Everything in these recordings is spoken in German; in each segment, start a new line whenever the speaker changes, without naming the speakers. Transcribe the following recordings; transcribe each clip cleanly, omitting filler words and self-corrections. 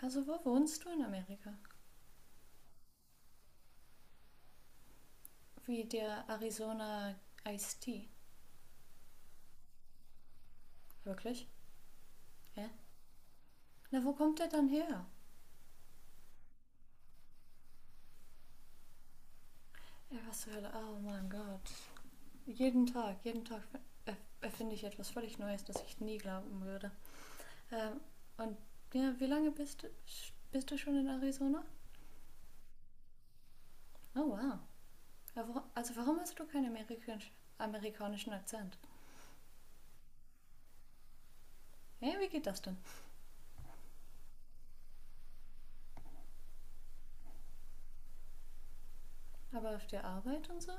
Also wo wohnst du in Amerika? Wie der Arizona Ice Tea. Wirklich? Ja? Na, wo kommt der dann her? Ja, was zur Hölle? Oh mein Gott. Jeden Tag erfinde ich etwas völlig Neues, das ich nie glauben würde. Ähm, und ja, wie lange bist du schon in Arizona? Oh wow. Ja, also warum hast du keinen amerikanisch, amerikanischen Akzent? Hey, wie geht das denn? Aber auf der Arbeit und so?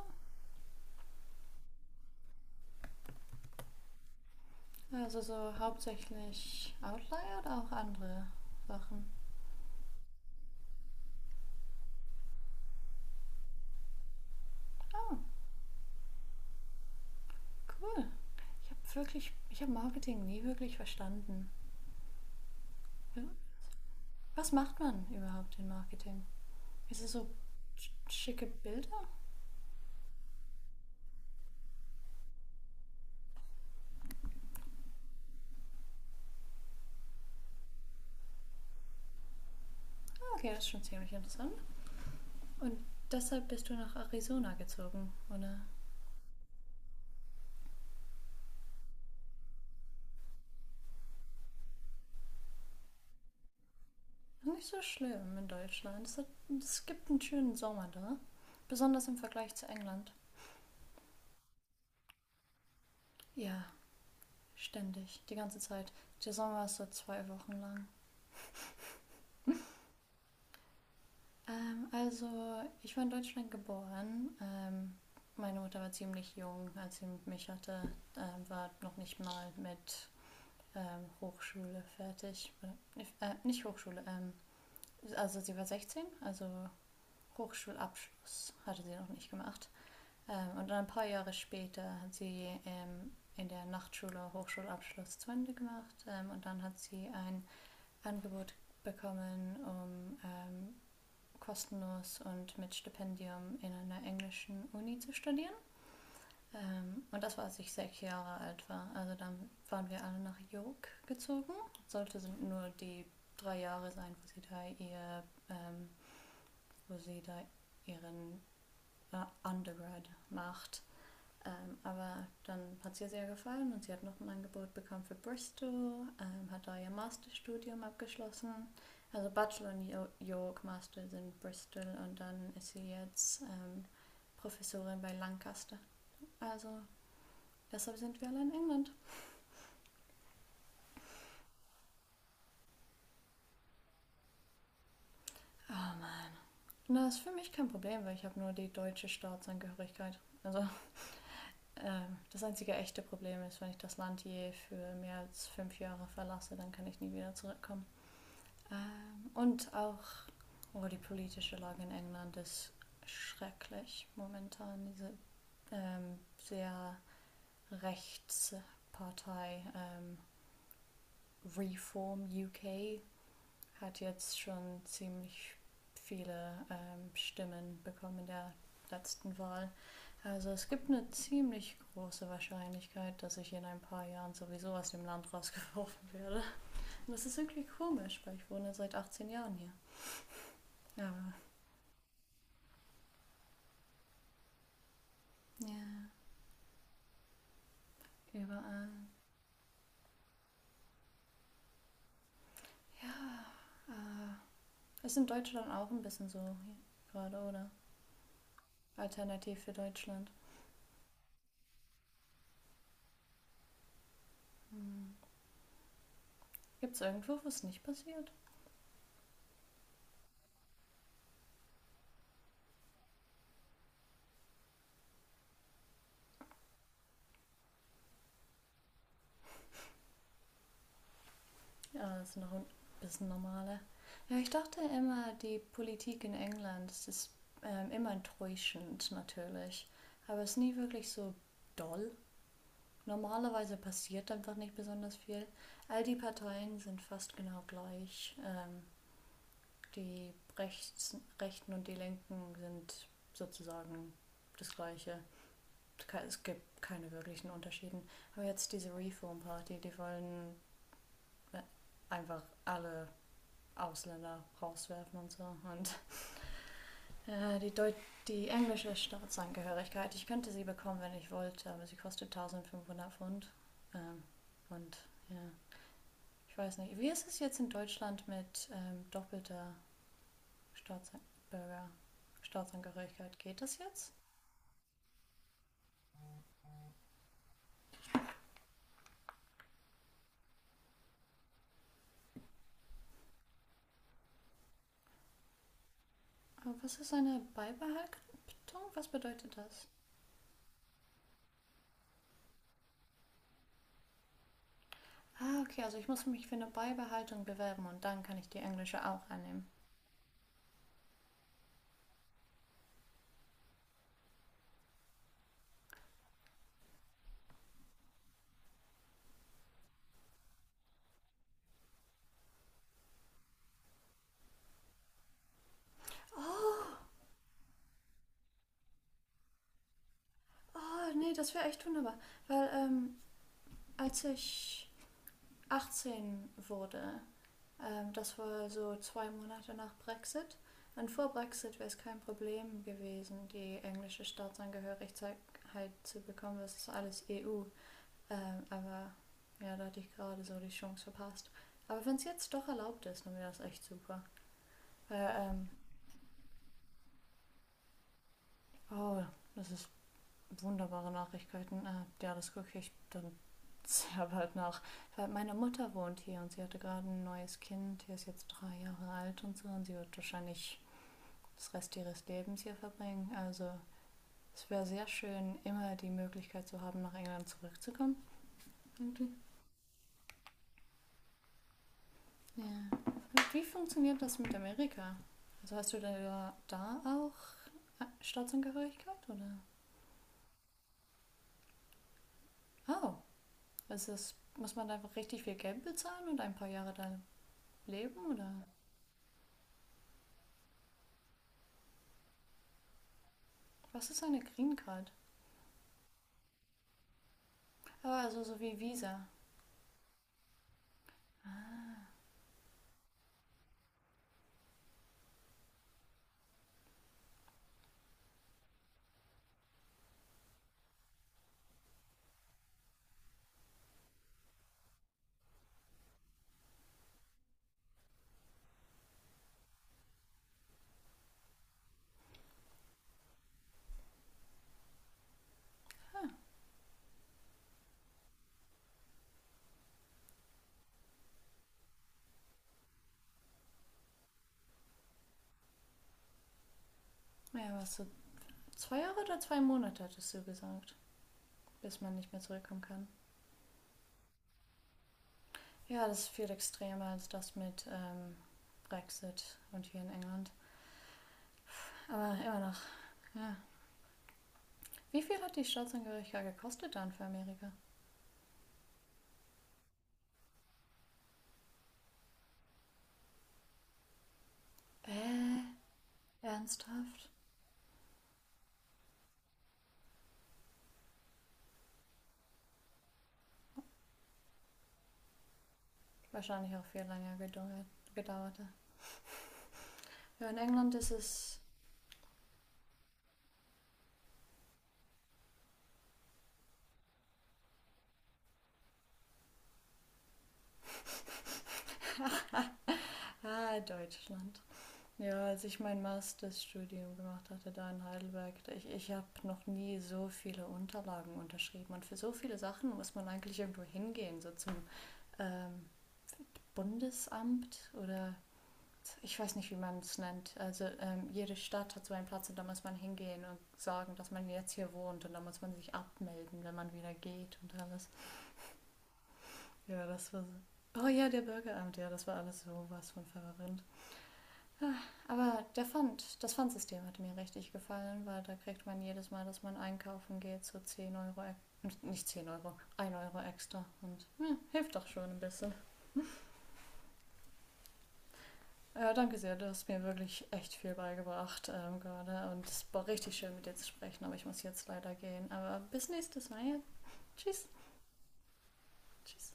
Also so hauptsächlich Outlier oder auch andere Sachen? Oh, cool. Ich habe Marketing nie wirklich verstanden. Ja. Was macht man überhaupt in Marketing? Ist es so schicke Bilder? Ah, okay, das ist schon ziemlich interessant. Und deshalb bist du nach Arizona gezogen, oder? Nicht so schlimm in Deutschland. Es gibt einen schönen Sommer da. Besonders im Vergleich zu England. Ja, ständig, die ganze Zeit. Der Sommer ist so zwei Wochen lang. Also, ich war in Deutschland geboren. Meine Mutter war ziemlich jung, als sie mich hatte. War noch nicht mal mit Hochschule fertig. Oder, nicht Hochschule, also sie war 16, also Hochschulabschluss hatte sie noch nicht gemacht. Und dann ein paar Jahre später hat sie in der Nachtschule Hochschulabschluss zu Ende gemacht, und dann hat sie ein Angebot bekommen, um kostenlos und mit Stipendium in einer englischen Uni zu studieren. Und das war, als ich sechs Jahre alt war. Also dann waren wir alle nach York gezogen. Sollte sind nur die drei Jahre sein, wo ähm, wo sie da ihren Undergrad macht. Aber dann hat es ihr sehr gefallen und sie hat noch ein Angebot bekommen für Bristol, hat da ihr Masterstudium abgeschlossen. Also Bachelor und York, Master sind Bristol, und dann ist sie jetzt Professorin bei Lancaster. Also deshalb sind wir alle in England. Oh Mann. Und das ist für mich kein Problem, weil ich habe nur die deutsche Staatsangehörigkeit. Also das einzige echte Problem ist, wenn ich das Land je für mehr als fünf Jahre verlasse, dann kann ich nie wieder zurückkommen. Und auch, oh, die politische Lage in England ist schrecklich momentan. Diese sehr Rechtspartei, Reform UK, hat jetzt schon ziemlich viele Stimmen bekommen in der letzten Wahl. Also es gibt eine ziemlich große Wahrscheinlichkeit, dass ich in ein paar Jahren sowieso aus dem Land rausgeworfen werde. Und das ist irgendwie komisch, weil ich wohne seit 18 Jahren hier. Aber ja, überall. Ah, ist in Deutschland auch ein bisschen so gerade, oder? Alternativ für Deutschland. Hm. Gibt es irgendwo, wo es nicht passiert? Ja, das ist noch ein bisschen normaler. Ja, ich dachte immer, die Politik in England, das ist immer enttäuschend natürlich. Aber es ist nie wirklich so doll. Normalerweise passiert einfach nicht besonders viel. All die Parteien sind fast genau gleich. Die Rechten und die Linken sind sozusagen das Gleiche. Es gibt keine wirklichen Unterschieden. Aber jetzt diese Reform Party, die wollen äh, einfach alle Ausländer rauswerfen und so. Und äh, die, Deut die englische Staatsangehörigkeit, ich könnte sie bekommen, wenn ich wollte, aber sie kostet 1500 Pfund. Ähm, und ja, ich weiß nicht. Wie ist es jetzt in Deutschland mit Staatsbürger, Staatsangehörigkeit? Geht das jetzt? Was ist eine Beibehaltung? Was bedeutet das? Ah, okay, also ich muss mich für eine Beibehaltung bewerben und dann kann ich die englische auch annehmen. Oh, oh nee, das wäre echt wunderbar. Weil als ich 18 wurde, das war so zwei Monate nach Brexit. Und vor Brexit wäre es kein Problem gewesen, die englische Staatsangehörigkeit halt zu bekommen. Das ist alles EU. Aber ja, da hatte ich gerade so die Chance verpasst. Aber wenn es jetzt doch erlaubt ist, dann wäre das echt super. Weil, oh, das ist wunderbare Nachrichten. Ja, das gucke ich dann sehr bald nach. Weil meine Mutter wohnt hier und sie hatte gerade ein neues Kind. Die ist jetzt drei Jahre alt und so, und sie wird wahrscheinlich das Rest ihres Lebens hier verbringen. Also es wäre sehr schön, immer die Möglichkeit zu haben, nach England zurückzukommen. Irgendwie. Ja. Wie funktioniert das mit Amerika? Also hast du da auch Staatsangehörigkeit oder? Oh, ist es, muss man da einfach richtig viel Geld bezahlen und ein paar Jahre da leben oder? Was ist eine Green Card? Ah, also so wie Visa. Hm. Ja, was so zwei Jahre oder zwei Monate hattest du gesagt, bis man nicht mehr zurückkommen kann. Ja, das ist viel extremer als das mit Brexit und hier in England. Aber immer noch, ja. Wie viel hat die Staatsangehörigkeit gekostet dann für Amerika? Äh, ernsthaft? Wahrscheinlich auch gedauert. Ja, in England ist es. Ah, ah, Deutschland. Ja, als ich mein Masterstudium gemacht hatte da in Heidelberg, ich habe noch nie so viele Unterlagen unterschrieben. Und für so viele Sachen muss man eigentlich irgendwo hingehen, so zum ähm, Bundesamt oder ich weiß nicht, wie man es nennt. Also jede Stadt hat so einen Platz und da muss man hingehen und sagen, dass man jetzt hier wohnt, und da muss man sich abmelden, wenn man wieder geht, und alles. Ja, das war so. Oh ja, der Bürgeramt, ja, das war alles sowas von verwirrend. Aber der Pfand, das Pfandsystem hat mir richtig gefallen, weil da kriegt man jedes Mal, dass man einkaufen geht, so nicht 10 Euro, ein Euro extra. Und ja, hilft doch schon ein bisschen. Danke sehr, du hast mir wirklich echt viel beigebracht gerade. Und es war richtig schön mit dir zu sprechen, aber ich muss jetzt leider gehen. Aber bis nächstes Mal. Ja. Tschüss. Tschüss.